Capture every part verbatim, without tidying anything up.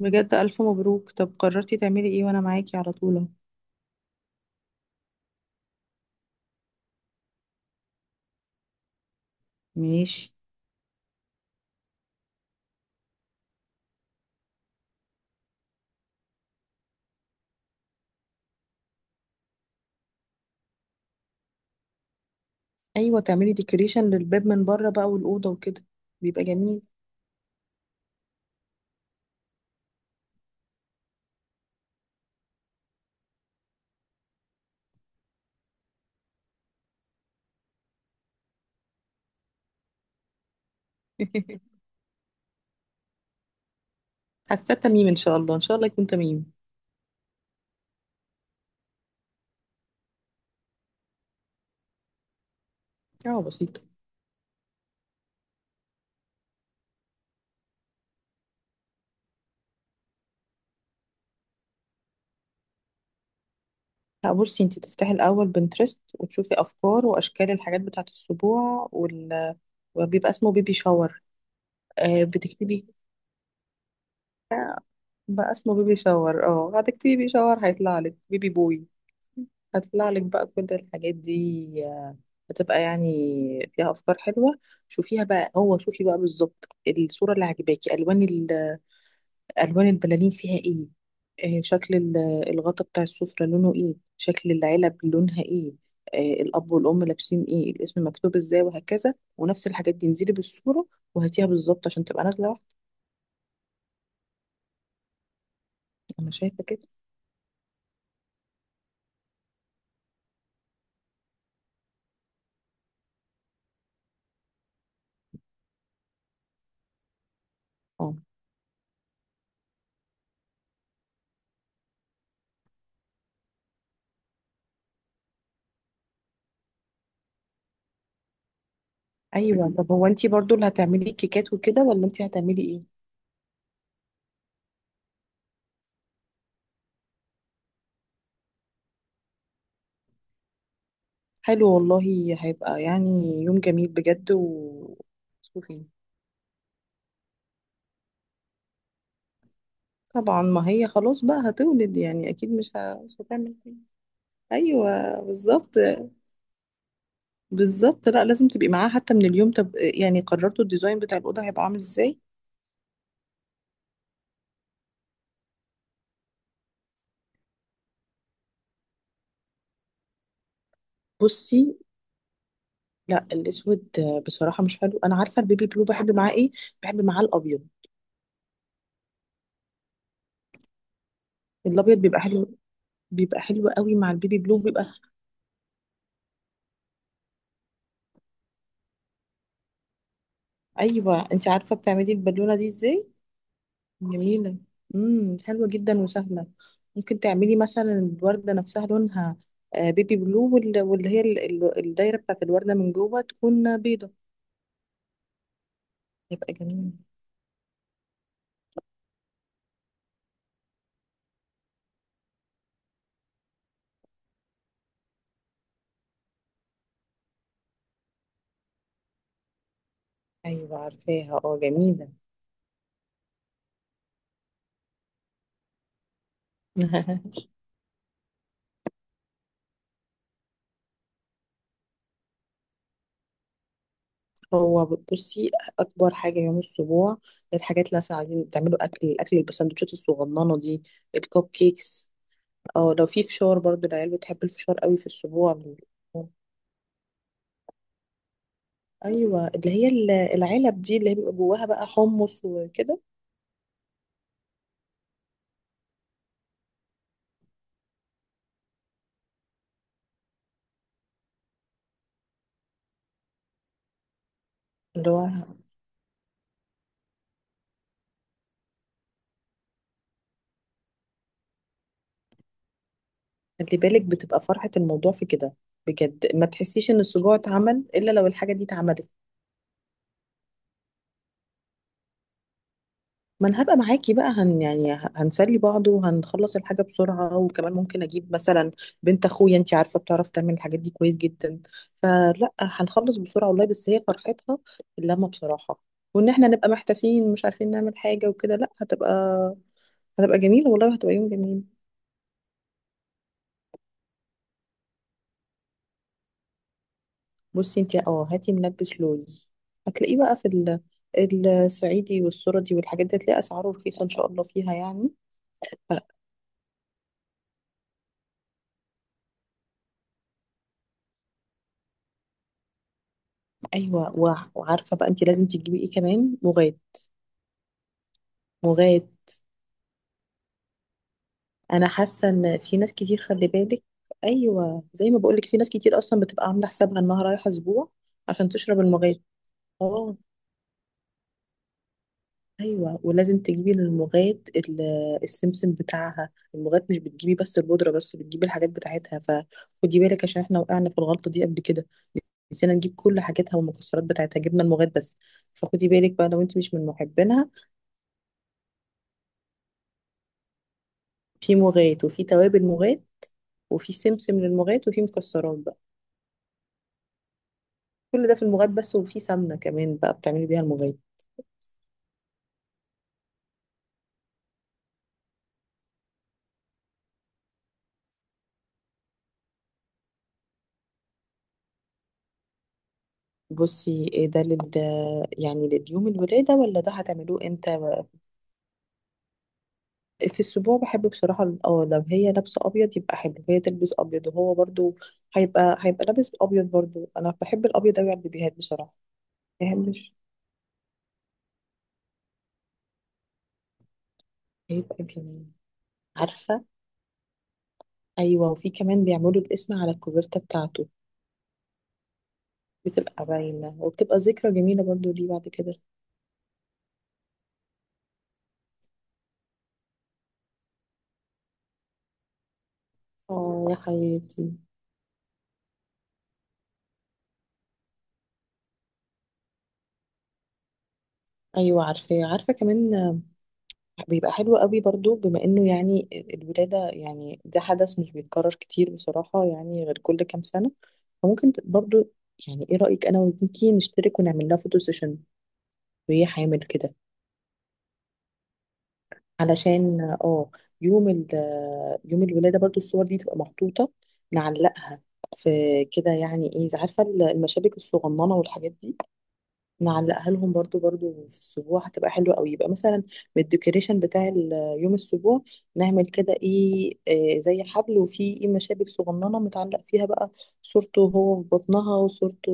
بجد ألف مبروك. طب قررتي تعملي ايه؟ وانا معاكي على طول اهو. ماشي. ايوه، تعملي ديكوريشن للباب من بره بقى والاوضه وكده. بيبقى جميل. حاسه تميم، ان شاء الله ان شاء الله يكون تميم. اه، بسيطه. لا، بصي انت تفتحي الاول بنترست وتشوفي افكار واشكال الحاجات بتاعه السبوع وال... وبيبقى اسمه بيبي شاور. آه، بتكتبي بقى اسمه بيبي شاور. اه، هتكتبي بيبي شاور هيطلع لك بيبي بوي. هطلع لك بقى كل الحاجات دي، آه، هتبقى يعني فيها افكار حلوه. شوفيها بقى. هو شوفي بقى بالظبط الصوره اللي عجباكي. الوان ال- الوان البلالين فيها ايه؟ آه، شكل ال- الغطا بتاع السفره لونه ايه؟ شكل العلب لونها ايه؟ آه، الاب والام لابسين ايه؟ الاسم مكتوب ازاي؟ وهكذا. ونفس الحاجات دي انزلي بالصوره وهاتيها بالظبط عشان تبقى نازله واحده. انا شايفه كده. اه، ايوه. طب هو انتي برضو اللي هتعملي كيكات وكده، ولا انتي هتعملي ايه؟ حلو والله. هيبقى يعني يوم جميل بجد. و شوفي. طبعا ما هي خلاص بقى هتولد، يعني اكيد مش ه... مش هتعمل حاجة. ايوه بالظبط. بالظبط، لا لازم تبقي معاها حتى من اليوم. طب يعني قررتوا الديزاين بتاع الاوضه هيبقى عامل ازاي؟ بصي، لا الاسود بصراحه مش حلو. انا عارفه البيبي بلو بحب معاه ايه؟ بحب معاه الابيض. الابيض بيبقى حلو، بيبقى حلو قوي مع البيبي بلو بيبقى. ايوه، انت عارفه بتعملي البالونه دي ازاي؟ جميلة. امم حلوة جدا وسهلة. ممكن تعملي مثلا الوردة نفسها لونها آه، بيبي بلو، وال- واللي هي ال- ال- الدايرة بتاعت الوردة من جوه تكون بيضة. يبقى جميل. أيوة عارفاها، اه جميلة. هو بصي، أكبر حاجة يوم الأسبوع الحاجات اللي مثلا عايزين تعملوا أكل الأكل البسندوتشات الصغننة دي، الكب كيكس. اه لو في فشار برضو، العيال بتحب الفشار قوي في الأسبوع. أيوة، اللي هي ال- العلب دي اللي هي بيبقى جواها بقى حمص وكده. اللي هو خلي بالك بتبقى فرحة الموضوع في كده، بجد ما تحسيش ان السبوع اتعمل الا لو الحاجة دي اتعملت. ما انا هبقى معاكي بقى، هن يعني ه- هنسلي بعض وهنخلص الحاجة بسرعة، وكمان ممكن اجيب مثلا بنت اخويا، انتي عارفة بتعرف تعمل الحاجات دي كويس جدا، فلا هنخلص بسرعة والله. بس هي فرحتها اللمة بصراحة، وان احنا نبقى محتاسين مش عارفين نعمل حاجة وكده. لا، هتبقى هتبقى جميلة والله، وهتبقى يوم جميل. بصي انت، اه هاتي منبت لوز، هتلاقيه بقى في ال- الصعيدي والسردي والحاجات دي، هتلاقي اسعاره رخيصه ان شاء الله فيها يعني. ف- ايوه، وع- وعارفه بقى انت لازم تجيبي ايه كمان؟ مغاد. مغاد، انا حاسه ان في ناس كتير، خلي بالك. ايوه، زي ما بقولك في ناس كتير اصلا بتبقى عامله حسابها انها رايحه اسبوع عشان تشرب المغاد، اه. ايوه، ولازم تجيبي الموجات، ال- السمسم بتاعها الموجات، مش بتجيبي بس البودره بس، بتجيبي الحاجات بتاعتها، فخدي بالك عشان احنا وقعنا في الغلطه دي قبل كده، نسينا نجيب كل حاجاتها والمكسرات بتاعتها، جبنا الموجات بس. فخدي بالك بقى لو انت مش من محبينها. في موجات، وفي توابل موجات، وفي سمسم للموجات، وفي مكسرات بقى، كل ده في الموجات بس، وفي سمنه كمان بقى بتعملي بيها الموجات. بصي، إيه ده؟ لل يعني لليوم الولاده، ولا ده هتعملوه امتى؟ في السبوع بحب بصراحة، ال- اه لو هي لابسة أبيض يبقى حلو، هي تلبس أبيض وهو برضو هيبقى هيبقى لابس أبيض برضو، أنا بحب الأبيض أوي على البيبيهات بصراحة. مبحبش. هيبقى جميل. عارفة. أيوة، وفي كمان بيعملوا الاسم على الكوفرتة بتاعته، بتبقى باينة، وبتبقى ذكرى جميلة برضو ليه بعد كده. اه يا حياتي. أيوة عارفة، عارفة كمان. بيبقى حلو قوي برضو، بما انه يعني الولادة يعني ده حدث مش بيتكرر كتير بصراحة، يعني غير كل كام سنة. فممكن ت- برضو، يعني ايه رأيك انا وبنتي نشترك ونعمل لها فوتو سيشن وهي حامل كده، علشان اه يوم ال يوم الولادة برضو الصور دي تبقى محطوطة، نعلقها في كده يعني، ايه إذا، عارفة المشابك الصغننة والحاجات دي، نعلقها لهم برضو برضو في السبوع، هتبقى حلوة قوي. يبقى مثلا من الديكوريشن بتاع ال- آه، يوم السبوع، نعمل كده ايه، آه، زي حبل وفيه ايه مشابك صغننة متعلق فيها بقى صورته وهو في بطنها، وصورته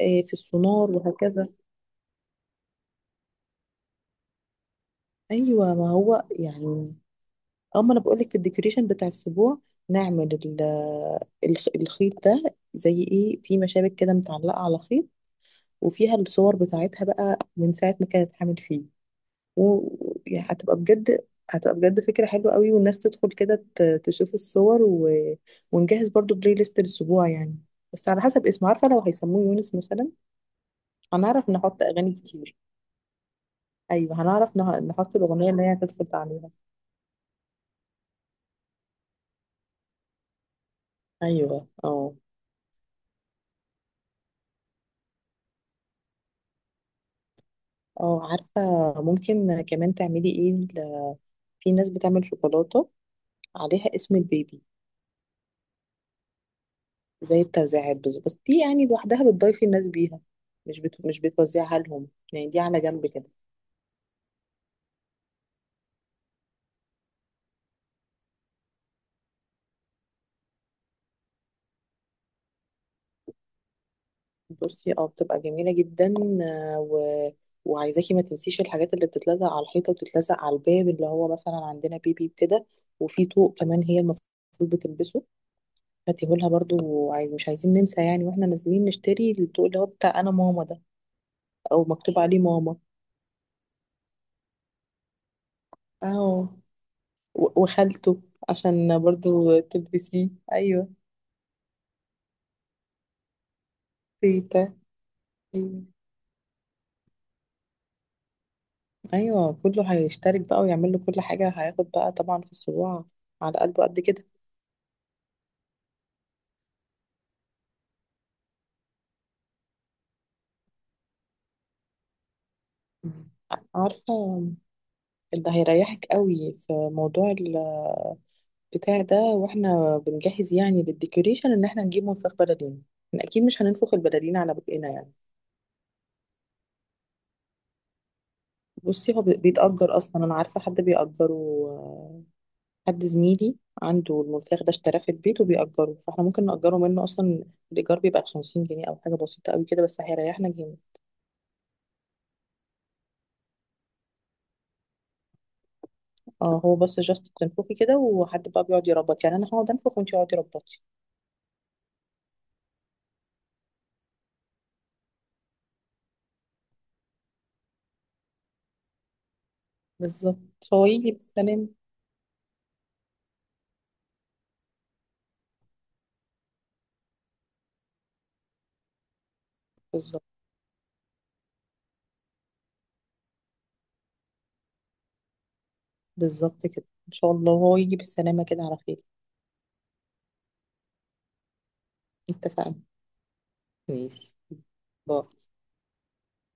آه، في السونار وهكذا. ايوه، ما هو يعني اما انا بقولك في الديكوريشن بتاع السبوع، نعمل ال- آه، الخ- الخيط ده، زي ايه في مشابك كده متعلقة على خيط، وفيها الصور بتاعتها بقى من ساعة ما كانت حامل فيه. و- يعني هتبقى بجد هتبقى بجد فكرة حلوة قوي، والناس تدخل كده ت- تشوف الصور و... ونجهز برضو بلاي ليست للأسبوع يعني، بس على حسب اسمه، عارفة لو هيسموه يونس مثلا هنعرف نحط أغاني كتير. أيوة، هنعرف نه- نحط الأغنية اللي هي هتدخل عليها. أيوة، اه اه عارفة. ممكن كمان تعملي ايه، ل- في ناس بتعمل شوكولاتة عليها اسم البيبي، زي التوزيعات، بس بس دي يعني لوحدها بتضيفي الناس بيها، مش بت... مش بتوزعها لهم، يعني دي على جنب كده. بصي، اه بتبقى جميلة جدا. آه، و... وعايزاكي ما تنسيش الحاجات اللي بتتلزق على الحيطة وتتلزق على الباب، اللي هو مثلا عندنا بيبي كده. وفي طوق كمان هي المفروض بتلبسه، هاتيهولها برضو. وعايز، مش عايزين ننسى يعني، واحنا نازلين نشتري الطوق اللي هو بتاع انا ماما ده، او مكتوب عليه ماما. اهو، و- وخالته، عشان برضو تلبسيه. ايوه. تيتا. ايوه. أيوة، كله هيشترك بقى ويعمل له كل حاجة، هياخد بقى طبعا في الصباع على قلبه قد كده. عارفة، اللي هيريحك قوي في موضوع البتاع ده واحنا بنجهز يعني للديكوريشن، ان احنا نجيب منفخ بلالين، احنا اكيد مش هننفخ البلالين على بقنا يعني. بصي، هو بي- بيتأجر اصلا، انا عارفة حد بيأجره، آه، حد زميلي عنده المنفخ ده، اشتراه في البيت وبيأجره، فاحنا ممكن نأجره منه اصلا. الإيجار بيبقى خمسين جنيه، أو حاجة بسيطة قوي كده، بس هيريحنا جامد. اه، هو بس جاست بتنفخي كده وحد بقى بيقعد يربط، يعني أنا هقعد أنفخ وأنتي اقعدي ربطي. بالظبط، هو يجي بالسلامة. بالظبط، بالظبط كده ان شاء الله، هو يجي بالسلامة كده على خير. اتفقنا. ماشي. باي.